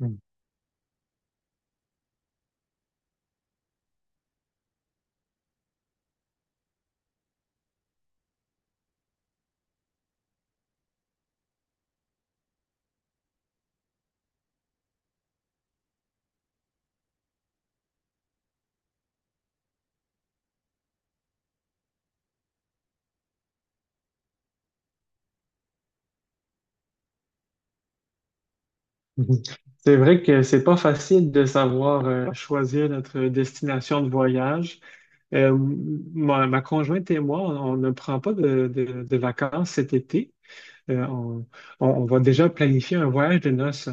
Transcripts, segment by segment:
Mm. Mhm. C'est vrai que c'est pas facile de savoir choisir notre destination de voyage. Ma conjointe et moi, on ne prend pas de vacances cet été. Euh, on, on va déjà planifier un voyage de noces,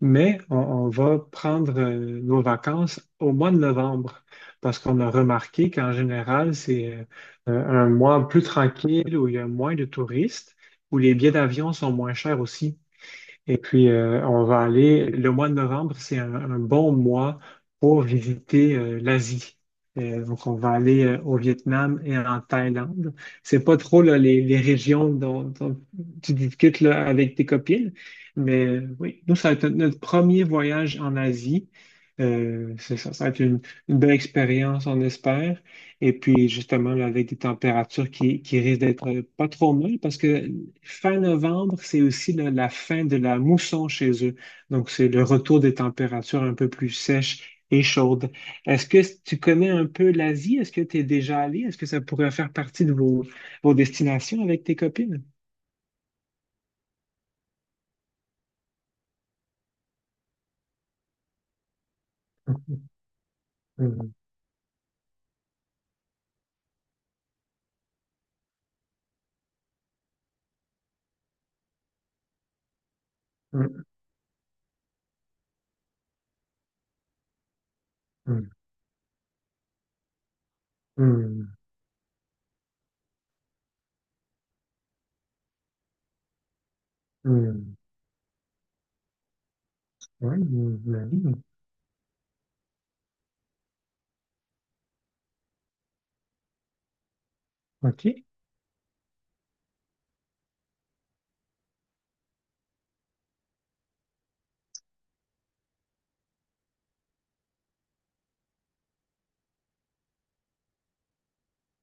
mais on va prendre nos vacances au mois de novembre parce qu'on a remarqué qu'en général, c'est un mois plus tranquille où il y a moins de touristes, où les billets d'avion sont moins chers aussi. Et puis, on va aller, le mois de novembre, c'est un bon mois pour visiter l'Asie. Donc, on va aller au Vietnam et en Thaïlande. C'est pas trop là, les régions dont tu discutes là, avec tes copines, mais oui, nous, ça va être notre premier voyage en Asie. C'est ça, ça va être une belle expérience, on espère. Et puis, justement, là, avec des températures qui risquent d'être pas trop molles, parce que fin novembre, c'est aussi la fin de la mousson chez eux. Donc, c'est le retour des températures un peu plus sèches et chaudes. Est-ce que tu connais un peu l'Asie? Est-ce que tu es déjà allé? Est-ce que ça pourrait faire partie de vos destinations avec tes copines? Hum, hum, hum, hum, hum. Ouais, la vie. Ok.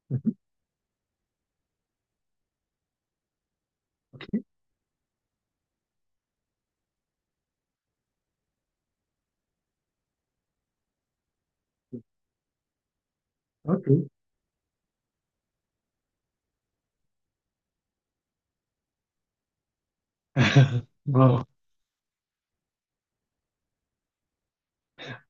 Mhm. Ok. Ok. Wow.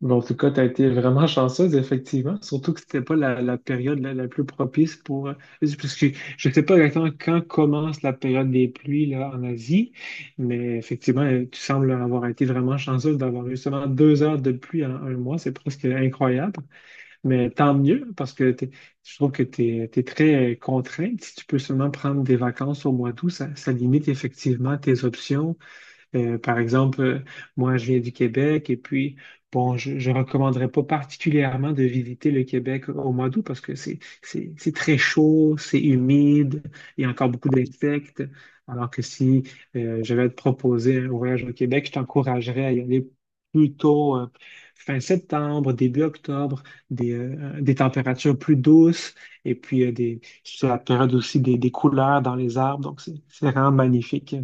Mais en tout cas, tu as été vraiment chanceuse, effectivement. Surtout que c'était pas la période la plus propice pour. Parce que je ne sais pas exactement quand commence la période des pluies là, en Asie, mais effectivement, tu sembles avoir été vraiment chanceuse d'avoir eu seulement 2 heures de pluie en un mois. C'est presque incroyable. Mais tant mieux, parce que je trouve que tu es très contrainte. Si tu peux seulement prendre des vacances au mois d'août, ça limite effectivement tes options par exemple, moi, je viens du Québec et puis, bon, je ne recommanderais pas particulièrement de visiter le Québec au mois d'août parce que c'est très chaud, c'est humide, il y a encore beaucoup d'insectes. Alors que si je vais te proposer un voyage au Québec, je t'encouragerais à y aller plutôt fin septembre, début octobre, des températures plus douces et puis c'est la période aussi des couleurs dans les arbres. Donc, c'est vraiment magnifique.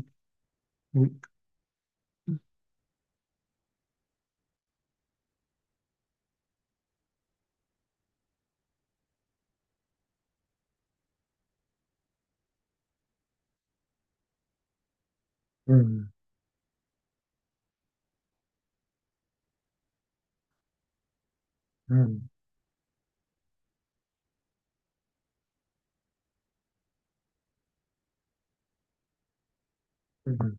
Mm. うんうんうんうん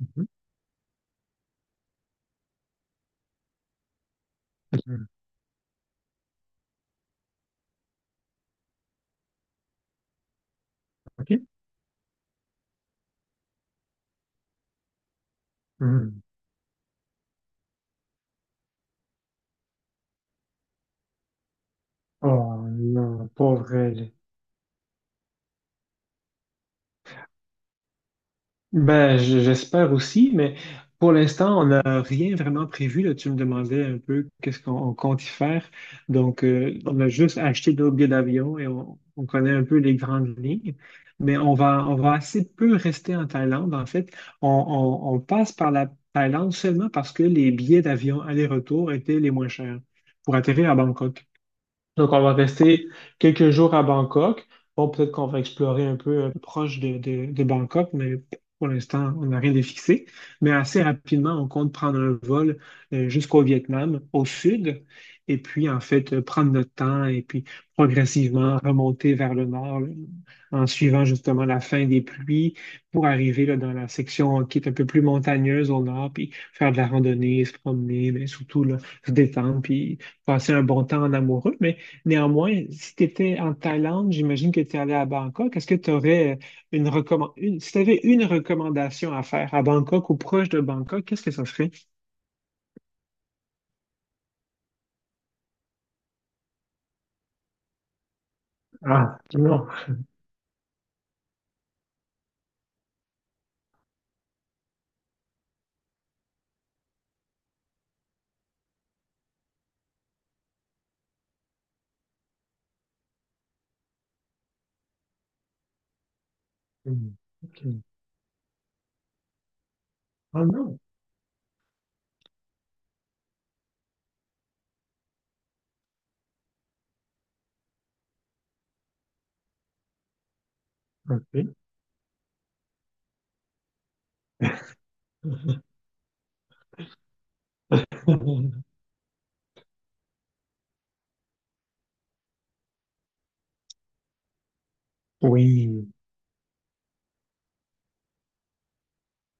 Mhm. うん OK? Mhm. Oh non, pauvre elle. Ben, j'espère aussi, mais pour l'instant, on n'a rien vraiment prévu. Là. Tu me demandais un peu qu'est-ce qu'on on compte y faire. Donc, on a juste acheté nos billets d'avion et on connaît un peu les grandes lignes. Mais on va assez peu rester en Thaïlande. En fait, on passe par la Thaïlande seulement parce que les billets d'avion aller-retour étaient les moins chers pour atterrir à Bangkok. Donc, on va rester quelques jours à Bangkok. Bon, peut-être qu'on va explorer un peu proche de Bangkok, mais pour l'instant, on n'a rien de fixé. Mais assez rapidement, on compte prendre un vol jusqu'au Vietnam, au sud, et puis, en fait, prendre notre temps et puis progressivement remonter vers le nord, là, en suivant justement la fin des pluies pour arriver là, dans la section qui est un peu plus montagneuse au nord, puis faire de la randonnée, se promener, mais surtout là, se détendre, puis passer un bon temps en amoureux. Mais néanmoins, si tu étais en Thaïlande, j'imagine que tu es allé à Bangkok. Est-ce que tu aurais une recommandation, une... si tu avais une recommandation à faire à Bangkok ou proche de Bangkok, qu'est-ce que ça serait? Ah, non. Hmm, ok. Ah non. Ok. Oui.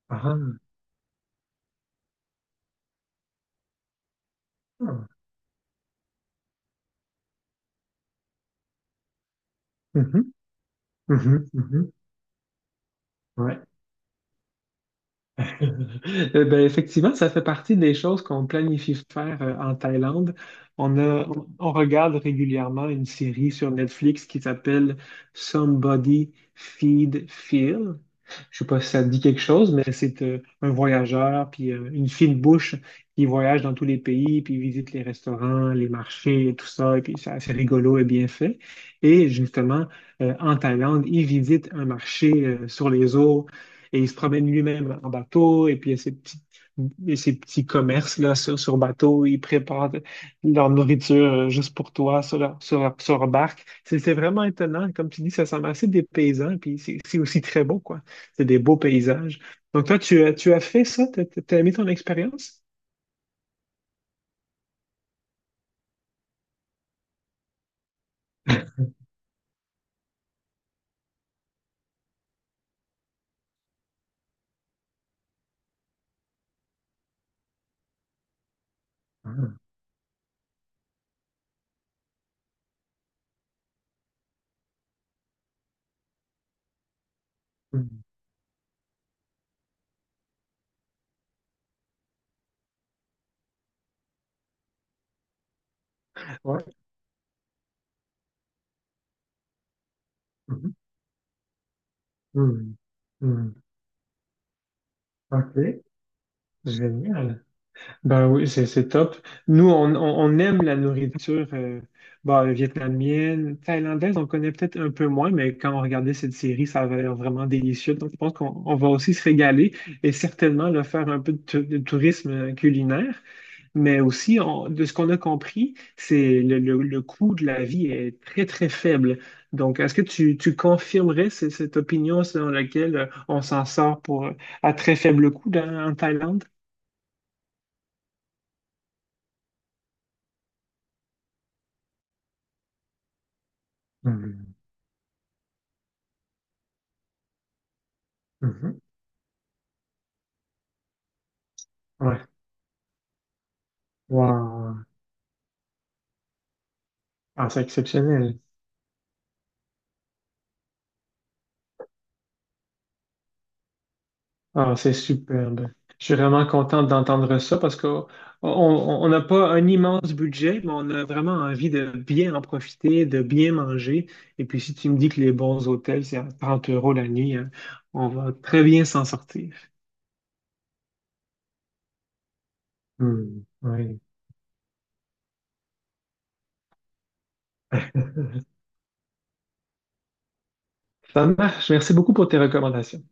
Ah. Ah. Mhm, mhm, mhm. Ouais. Eh ben, effectivement, ça fait partie des choses qu'on planifie faire en Thaïlande. On regarde régulièrement une série sur Netflix qui s'appelle Somebody Feed Phil. Je sais pas si ça te dit quelque chose, mais c'est un voyageur, puis une fine bouche qui voyage dans tous les pays, puis visite les restaurants, les marchés, et tout ça, et puis c'est assez rigolo et bien fait. Et justement, en Thaïlande, il visite un marché sur les eaux et il se promène lui-même en bateau, et puis il y a ces petits, et ces petits commerces là, sur bateau, ils préparent leur nourriture juste pour toi sur leur, sur leur barque. C'est vraiment étonnant. Comme tu dis, ça semble assez des paysans, puis c'est aussi très beau, quoi. C'est des beaux paysages. Donc toi, tu as fait ça? T'as aimé ton expérience? Ah. Mhm. Ouais. Mhm. Mhm. Mhm. Ok, génial. Ben oui, c'est top. Nous, on aime la nourriture ben, vietnamienne, thaïlandaise, on connaît peut-être un peu moins, mais quand on regardait cette série, ça avait l'air vraiment délicieux. Donc, je pense qu'on on va aussi se régaler et certainement là, faire un peu de tourisme culinaire. Mais aussi, de ce qu'on a compris, c'est le coût de la vie est très faible. Donc, est-ce que tu confirmerais cette opinion selon laquelle on s'en sort pour, à très faible coût en Thaïlande? Mhm. Mhm. Ouais. Wow. Ah, c'est exceptionnel. Ah, c'est superbe. Je suis vraiment content d'entendre ça parce que oh, on on n'a pas un immense budget, mais on a vraiment envie de bien en profiter, de bien manger. Et puis, si tu me dis que les bons hôtels, c'est à 30 € la nuit, hein, on va très bien s'en sortir. Hmm. Oui. Ça marche. Merci beaucoup pour tes recommandations.